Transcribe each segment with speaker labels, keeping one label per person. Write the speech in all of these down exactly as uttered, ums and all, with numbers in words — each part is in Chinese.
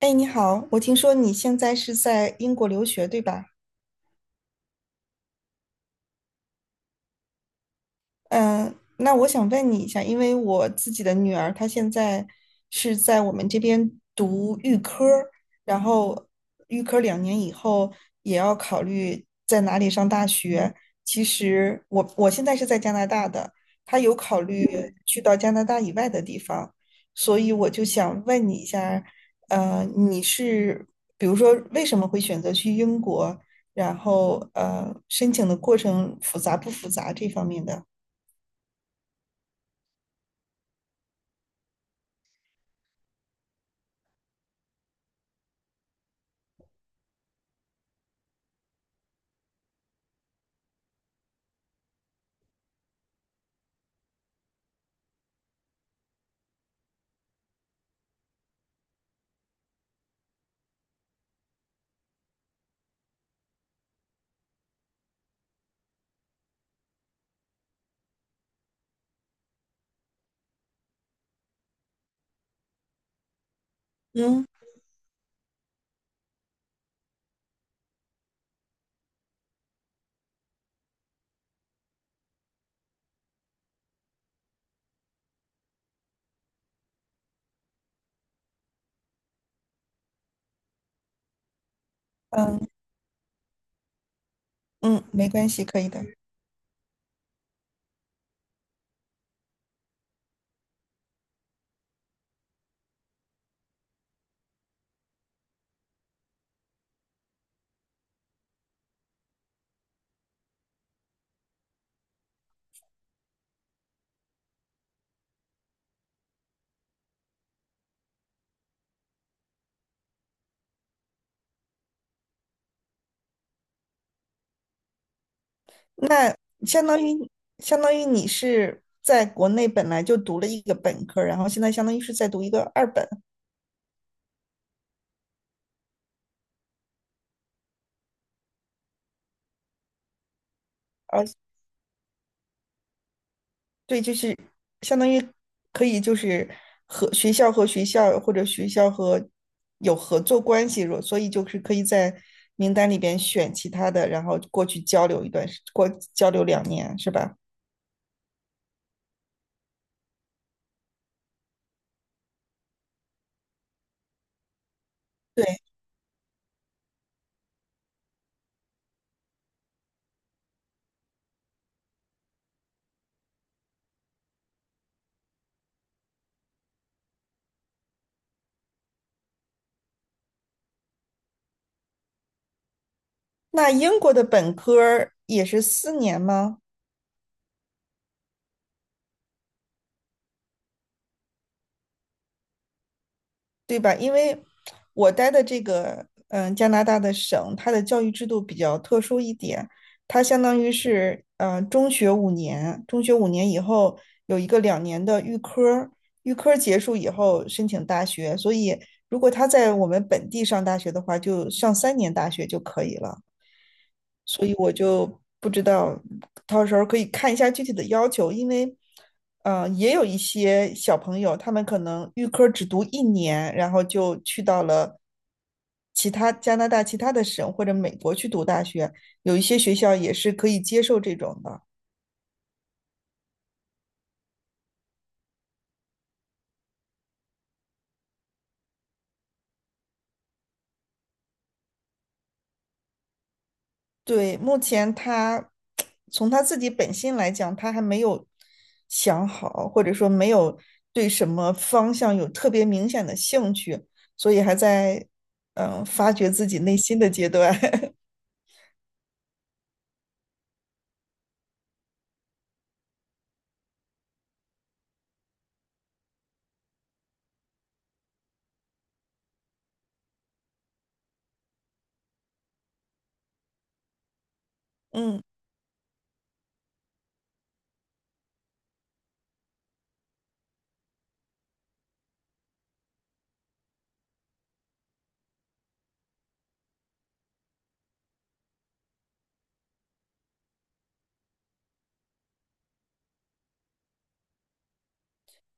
Speaker 1: 哎，你好，我听说你现在是在英国留学，对吧？嗯，那我想问你一下，因为我自己的女儿她现在是在我们这边读预科儿，然后预科儿两年以后也要考虑在哪里上大学。其实我我现在是在加拿大的，她有考虑去到加拿大以外的地方，所以我就想问你一下，呃，你是比如说为什么会选择去英国，然后呃，申请的过程复杂不复杂这方面的？嗯嗯嗯，没关系，可以的。那相当于相当于你是在国内本来就读了一个本科，然后现在相当于是在读一个二本，而对，就是相当于可以就是和学校和学校或者学校和有合作关系，如所以就是可以在名单里边选其他的，然后过去交流一段时，过交流两年，是吧？对。那英国的本科儿也是四年吗？对吧？因为我待的这个嗯加拿大的省，它的教育制度比较特殊一点，它相当于是嗯，中学五年，中学五年以后有一个两年的预科，预科结束以后申请大学，所以如果他在我们本地上大学的话，就上三年大学就可以了。所以我就不知道，到时候可以看一下具体的要求，因为，呃，也有一些小朋友，他们可能预科只读一年，然后就去到了其他加拿大其他的省或者美国去读大学，有一些学校也是可以接受这种的。对，目前他从他自己本心来讲，他还没有想好，或者说没有对什么方向有特别明显的兴趣，所以还在嗯发掘自己内心的阶段。嗯，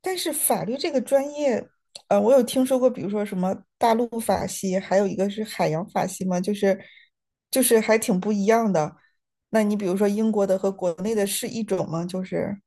Speaker 1: 但是法律这个专业，呃，我有听说过，比如说什么大陆法系，还有一个是海洋法系嘛，就是就是还挺不一样的。那你比如说英国的和国内的是一种吗？就是。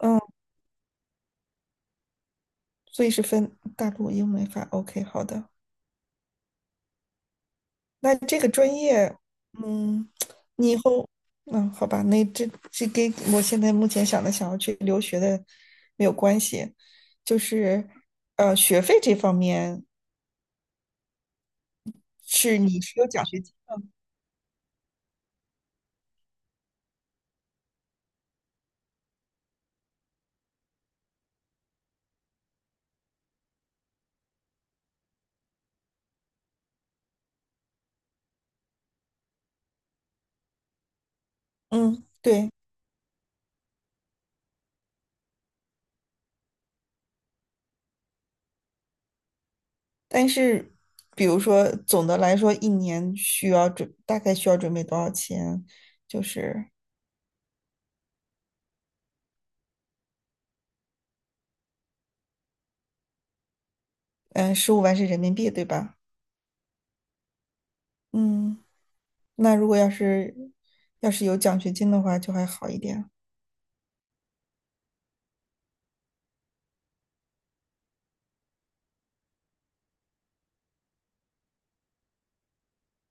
Speaker 1: 嗯。所以是分大陆英美法。OK，好的。那这个专业，嗯，你以后，嗯，好吧，那这这跟我现在目前想的想要去留学的没有关系，就是呃，学费这方面是你是有奖学金，嗯，对。但是比如说总的来说，一年需要准大概需要准备多少钱？就是嗯，十五万是人民币，对吧？嗯，那如果要是要是有奖学金的话，就还好一点。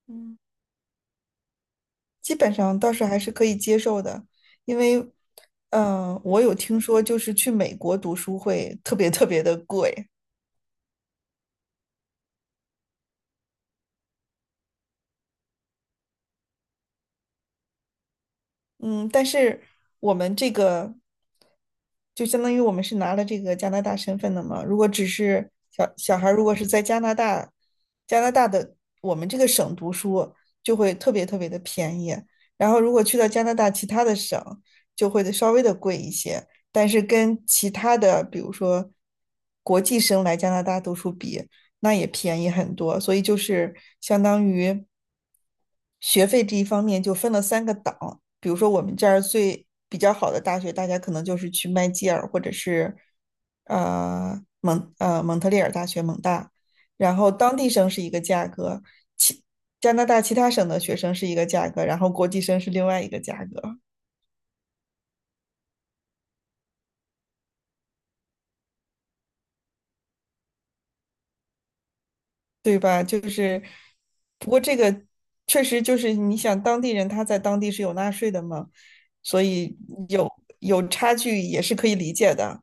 Speaker 1: 嗯，基本上倒是还是可以接受的，因为，嗯、我有听说，就是去美国读书会特别特别的贵。嗯，但是我们这个就相当于我们是拿了这个加拿大身份的嘛。如果只是小小孩，如果是在加拿大，加拿大的我们这个省读书，就会特别特别的便宜。然后如果去到加拿大其他的省，就会稍微的贵一些。但是跟其他的，比如说国际生来加拿大读书比，那也便宜很多。所以就是相当于学费这一方面就分了三个档。比如说我们这儿最比较好的大学，大家可能就是去麦吉尔或者是呃蒙呃蒙特利尔大学蒙大，然后当地生是一个价格，其加拿大其他省的学生是一个价格，然后国际生是另外一个价格，对吧？就是不过这个确实就是你想当地人他在当地是有纳税的嘛，所以有有差距也是可以理解的。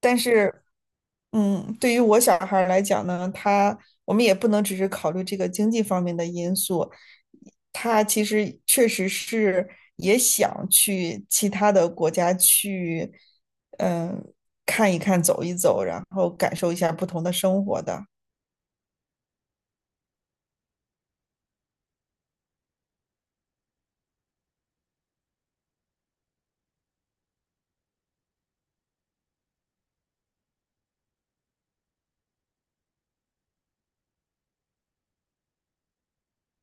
Speaker 1: 但是，嗯，对于我小孩儿来讲呢，他我们也不能只是考虑这个经济方面的因素，他其实确实是也想去其他的国家去，嗯，看一看、走一走，然后感受一下不同的生活的。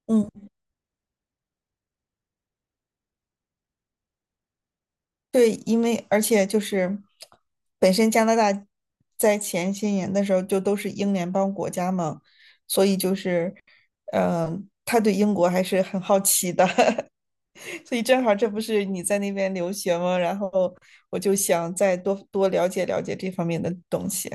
Speaker 1: 嗯。对，因为而且就是本身加拿大在前些年的时候就都是英联邦国家嘛，所以就是，嗯、他对英国还是很好奇的，所以正好这不是你在那边留学吗？然后我就想再多多了解了解这方面的东西。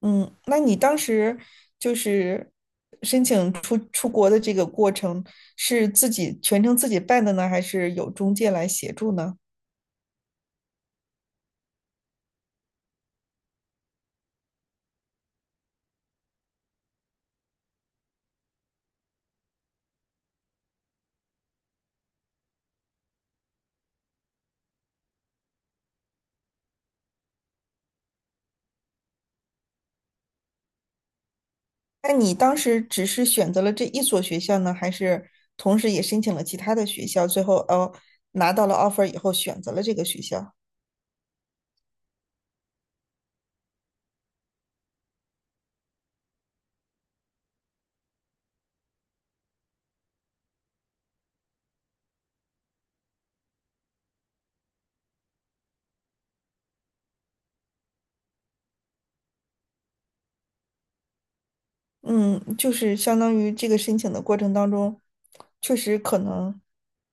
Speaker 1: 嗯，那你当时就是申请出出国的这个过程是自己全程自己办的呢，还是有中介来协助呢？那你当时只是选择了这一所学校呢，还是同时也申请了其他的学校？最后哦，拿到了 offer 以后选择了这个学校。嗯，就是相当于这个申请的过程当中，确实可能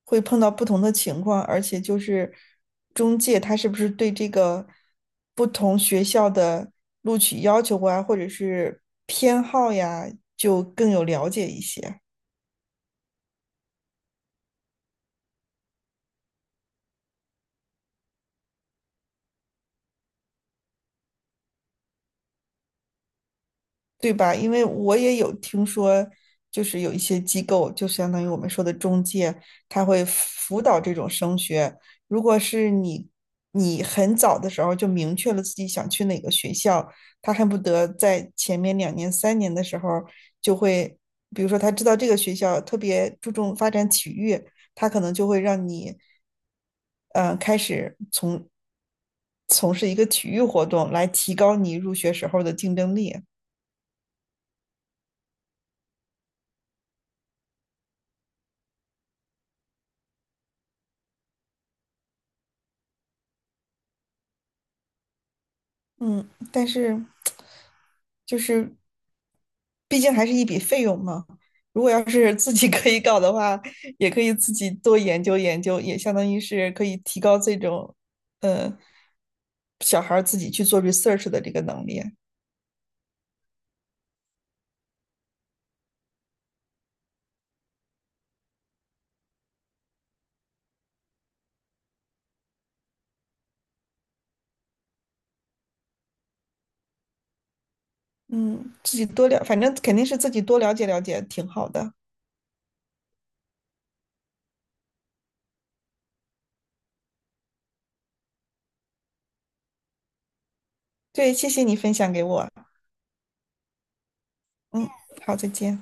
Speaker 1: 会碰到不同的情况，而且就是中介他是不是对这个不同学校的录取要求啊，或者是偏好呀，就更有了解一些。对吧？因为我也有听说，就是有一些机构，就相当于我们说的中介，他会辅导这种升学。如果是你，你很早的时候就明确了自己想去哪个学校，他恨不得在前面两年、三年的时候就会，比如说他知道这个学校特别注重发展体育，他可能就会让你，嗯、呃开始从从事一个体育活动来提高你入学时候的竞争力。嗯，但是就是毕竟还是一笔费用嘛。如果要是自己可以搞的话，也可以自己多研究研究，也相当于是可以提高这种，呃，小孩儿自己去做 research 的这个能力。嗯，自己多了，反正肯定是自己多了解了解，挺好的。对，谢谢你分享给我。嗯，好，再见。